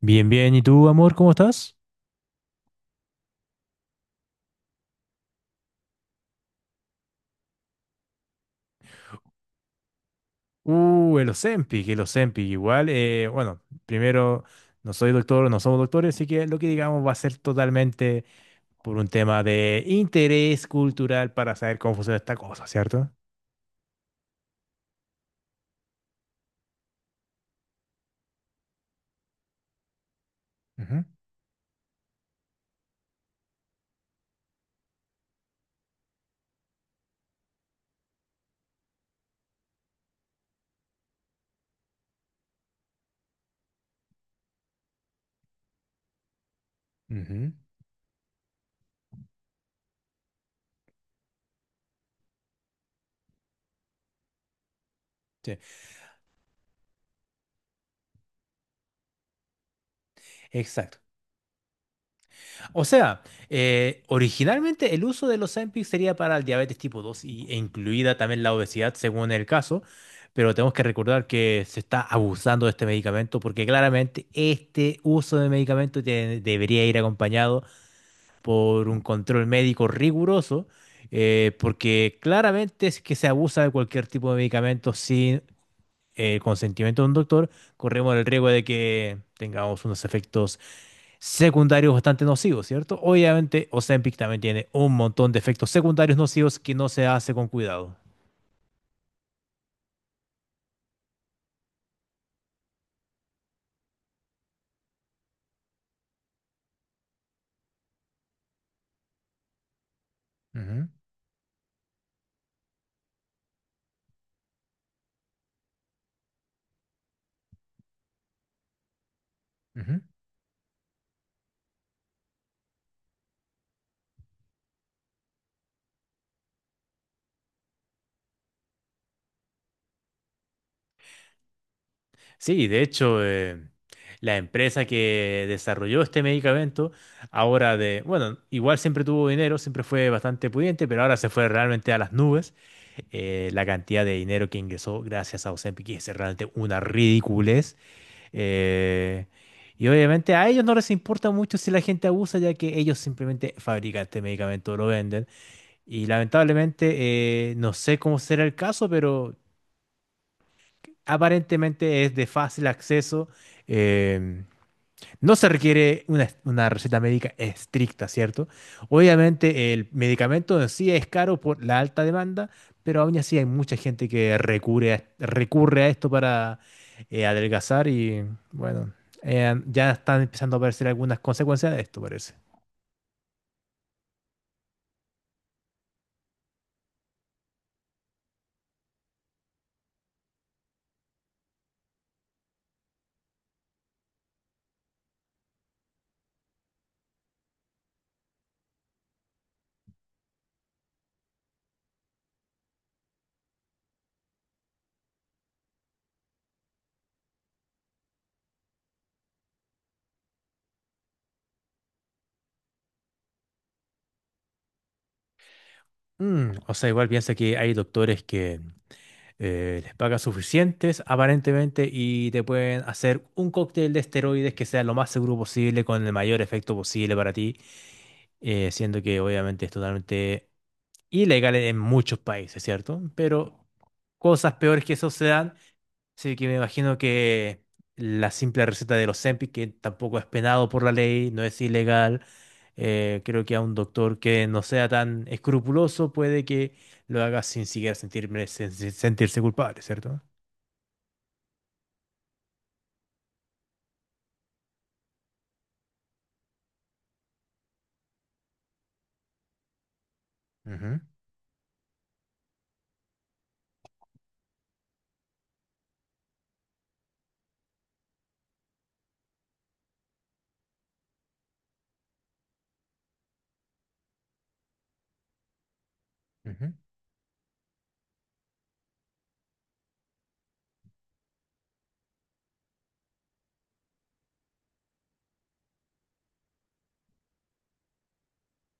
Bien, bien. ¿Y tú, amor, cómo estás? El Ozempic, el Ozempic. Igual, bueno, primero, no soy doctor, no somos doctores, así que lo que digamos va a ser totalmente por un tema de interés cultural para saber cómo funciona esta cosa, ¿cierto? Ujú. Ujú. Sí. Exacto. O sea, originalmente el uso del Ozempic sería para el diabetes tipo 2 y, e incluida también la obesidad según el caso, pero tenemos que recordar que se está abusando de este medicamento porque claramente este uso de medicamento debería ir acompañado por un control médico riguroso, porque claramente es que se abusa de cualquier tipo de medicamento sin consentimiento de un doctor, corremos el riesgo de que tengamos unos efectos secundarios bastante nocivos, ¿cierto? Obviamente, Ozempic también tiene un montón de efectos secundarios nocivos que no se hace con cuidado. Ujú. Ujú. Sí, de hecho, la empresa que desarrolló este medicamento, ahora de, bueno, igual siempre tuvo dinero, siempre fue bastante pudiente, pero ahora se fue realmente a las nubes, la cantidad de dinero que ingresó gracias a Ozempic y es realmente una ridiculez. Eh, y obviamente a ellos no les importa mucho si la gente abusa, ya que ellos simplemente fabrican este medicamento, lo venden. Y lamentablemente, no sé cómo será el caso, pero aparentemente es de fácil acceso. em, no se requiere una receta médica estricta, ¿cierto? Obviamente el medicamento en sí es caro por la alta demanda, pero aún así hay mucha gente que recurre a esto para adelgazar y bueno, ya están empezando a aparecer algunas consecuencias de esto, parece. Mm, o sea, igual piensa que hay doctores que les pagan suficientes, aparentemente, y te pueden hacer un cóctel de esteroides que sea lo más seguro posible, con el mayor efecto posible para ti, siendo que obviamente es totalmente ilegal en muchos países, ¿cierto? Pero cosas peores que eso se dan, así que me imagino que la simple receta de los Ozempic, que tampoco es penado por la ley, no es ilegal, creo que a un doctor que no sea tan escrupuloso puede que lo haga sin siquiera sentirse culpable, ¿cierto? Ujú. Ujú.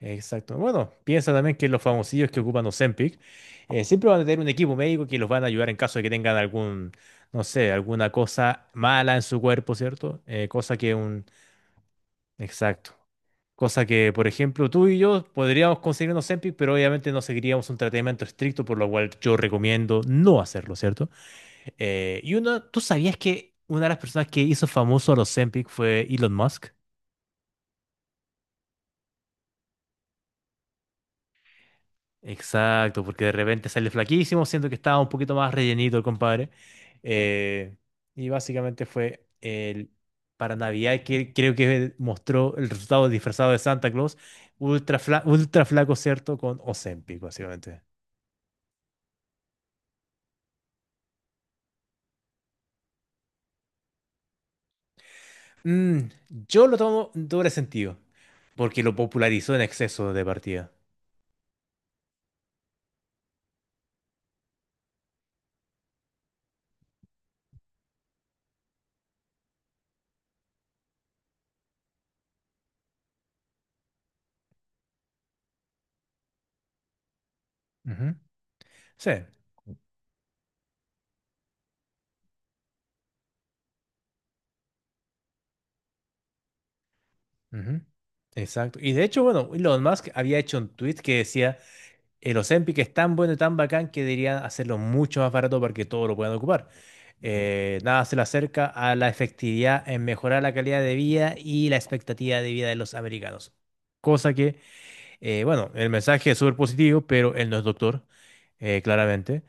Exacto. Bueno, piensa también que los famosillos que ocupan Ozempic siempre van a tener un equipo médico que los van a ayudar en caso de que tengan algún, no sé, alguna cosa mala en su cuerpo, ¿cierto? Cosa que un... Exacto. Cosa que, por ejemplo, tú y yo podríamos conseguir un Ozempic, pero obviamente no seguiríamos un tratamiento estricto, por lo cual yo recomiendo no hacerlo, ¿cierto? Y uno, ¿tú sabías que una de las personas que hizo famoso a los Ozempic fue Elon Musk? Exacto, porque de repente sale flaquísimo, siento que estaba un poquito más rellenito el compadre. Eh, y básicamente para Navidad que creo que mostró el resultado disfrazado de Santa Claus, ultra flaco, ¿cierto? Con Ozempic, básicamente. Mm, yo lo tomo en doble sentido, porque lo popularizó en exceso de partida. Ujú. Sí. Ujú. Exacto. Y de hecho, bueno, Elon Musk había hecho un tweet que decía... El Ozempic es tan bueno y tan bacán que deberían hacerlo mucho más barato para que todos lo puedan ocupar. Nada se le acerca a la efectividad en mejorar la calidad de vida y la expectativa de vida de los americanos. Cosa que, bueno, el mensaje es súper positivo, pero él no es doctor, claramente.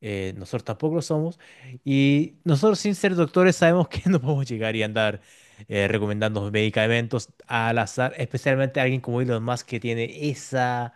Nosotros tampoco lo somos. Y nosotros sin ser doctores sabemos que no podemos llegar y andar recomendando medicamentos al azar, especialmente a alguien como Elon Musk que tiene esa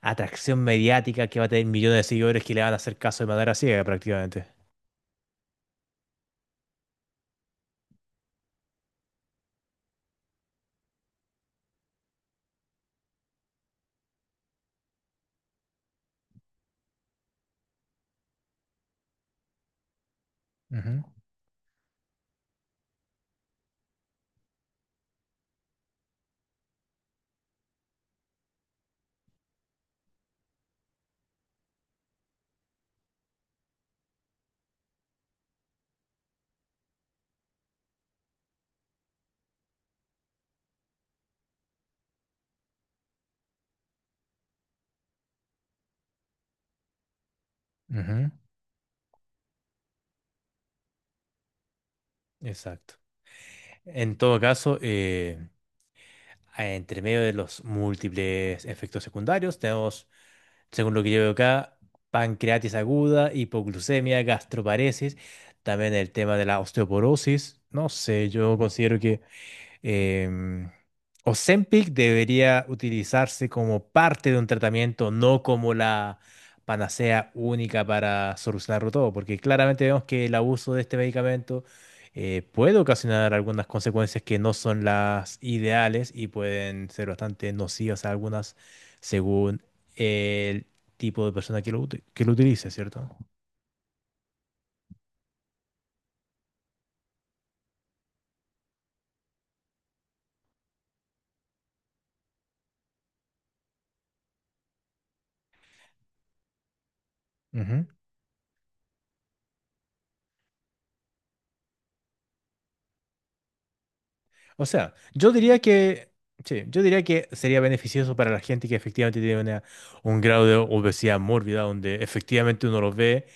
atracción mediática que va a tener millones de seguidores que le van a hacer caso de manera ciega prácticamente. Ujú. Ujú. Exacto. En todo caso, entre medio de los múltiples efectos secundarios, tenemos, según lo que yo veo acá, pancreatitis aguda, hipoglucemia, gastroparesis, también el tema de la osteoporosis. No sé, yo considero que Em, Ozempic debería utilizarse como parte de un tratamiento, no como la panacea única para solucionarlo todo, porque claramente vemos que el abuso de este medicamento puede ocasionar algunas consecuencias que no son las ideales y pueden ser bastante nocivas a algunas según el tipo de persona que que lo utilice, ¿cierto? O sea, yo diría que, sí, yo diría que sería beneficioso para la gente que efectivamente tiene un grado de obesidad mórbida, donde efectivamente uno lo ve,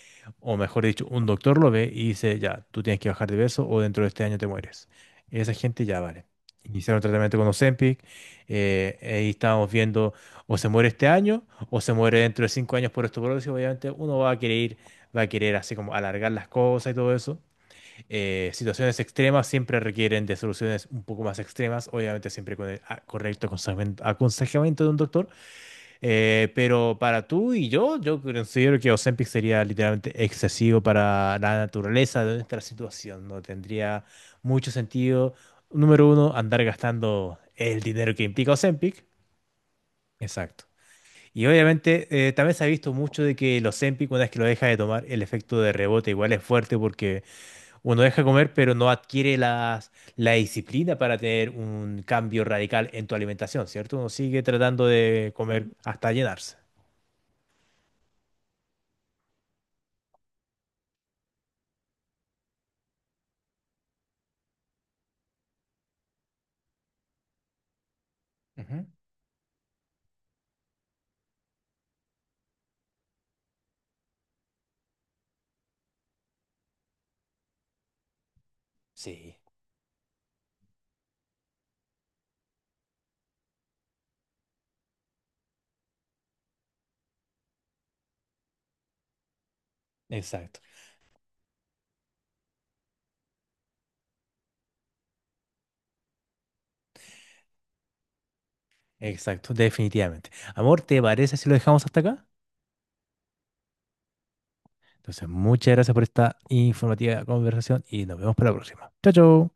o mejor dicho, un doctor lo ve y dice, ya, tú tienes que bajar de peso o dentro de este año te mueres. Y esa gente ya vale. Iniciaron tratamiento con Ozempic, ahí estábamos viendo o se muere este año o se muere dentro de 5 años por osteoporosis. Obviamente uno va a querer así como alargar las cosas y todo eso, situaciones extremas siempre requieren de soluciones un poco más extremas, obviamente siempre con correcto aconsejamiento de un doctor, pero para tú y yo considero que Ozempic sería literalmente excesivo para la naturaleza de nuestra situación, no tendría mucho sentido, número uno, andar gastando el dinero que implica Ozempic, exacto. Y obviamente también se ha visto mucho de que el Ozempic, una vez que lo deja de tomar, el efecto de rebote igual es fuerte porque uno deja de comer, pero no adquiere la disciplina para tener un cambio radical en tu alimentación, ¿cierto? Uno sigue tratando de comer hasta llenarse. Ujú. Sí, exacto, exacto, definitivamente. Amor, ¿te parece si lo dejamos hasta acá? Entonces, muchas gracias por esta informativa conversación y nos vemos para la próxima. Chao, chao.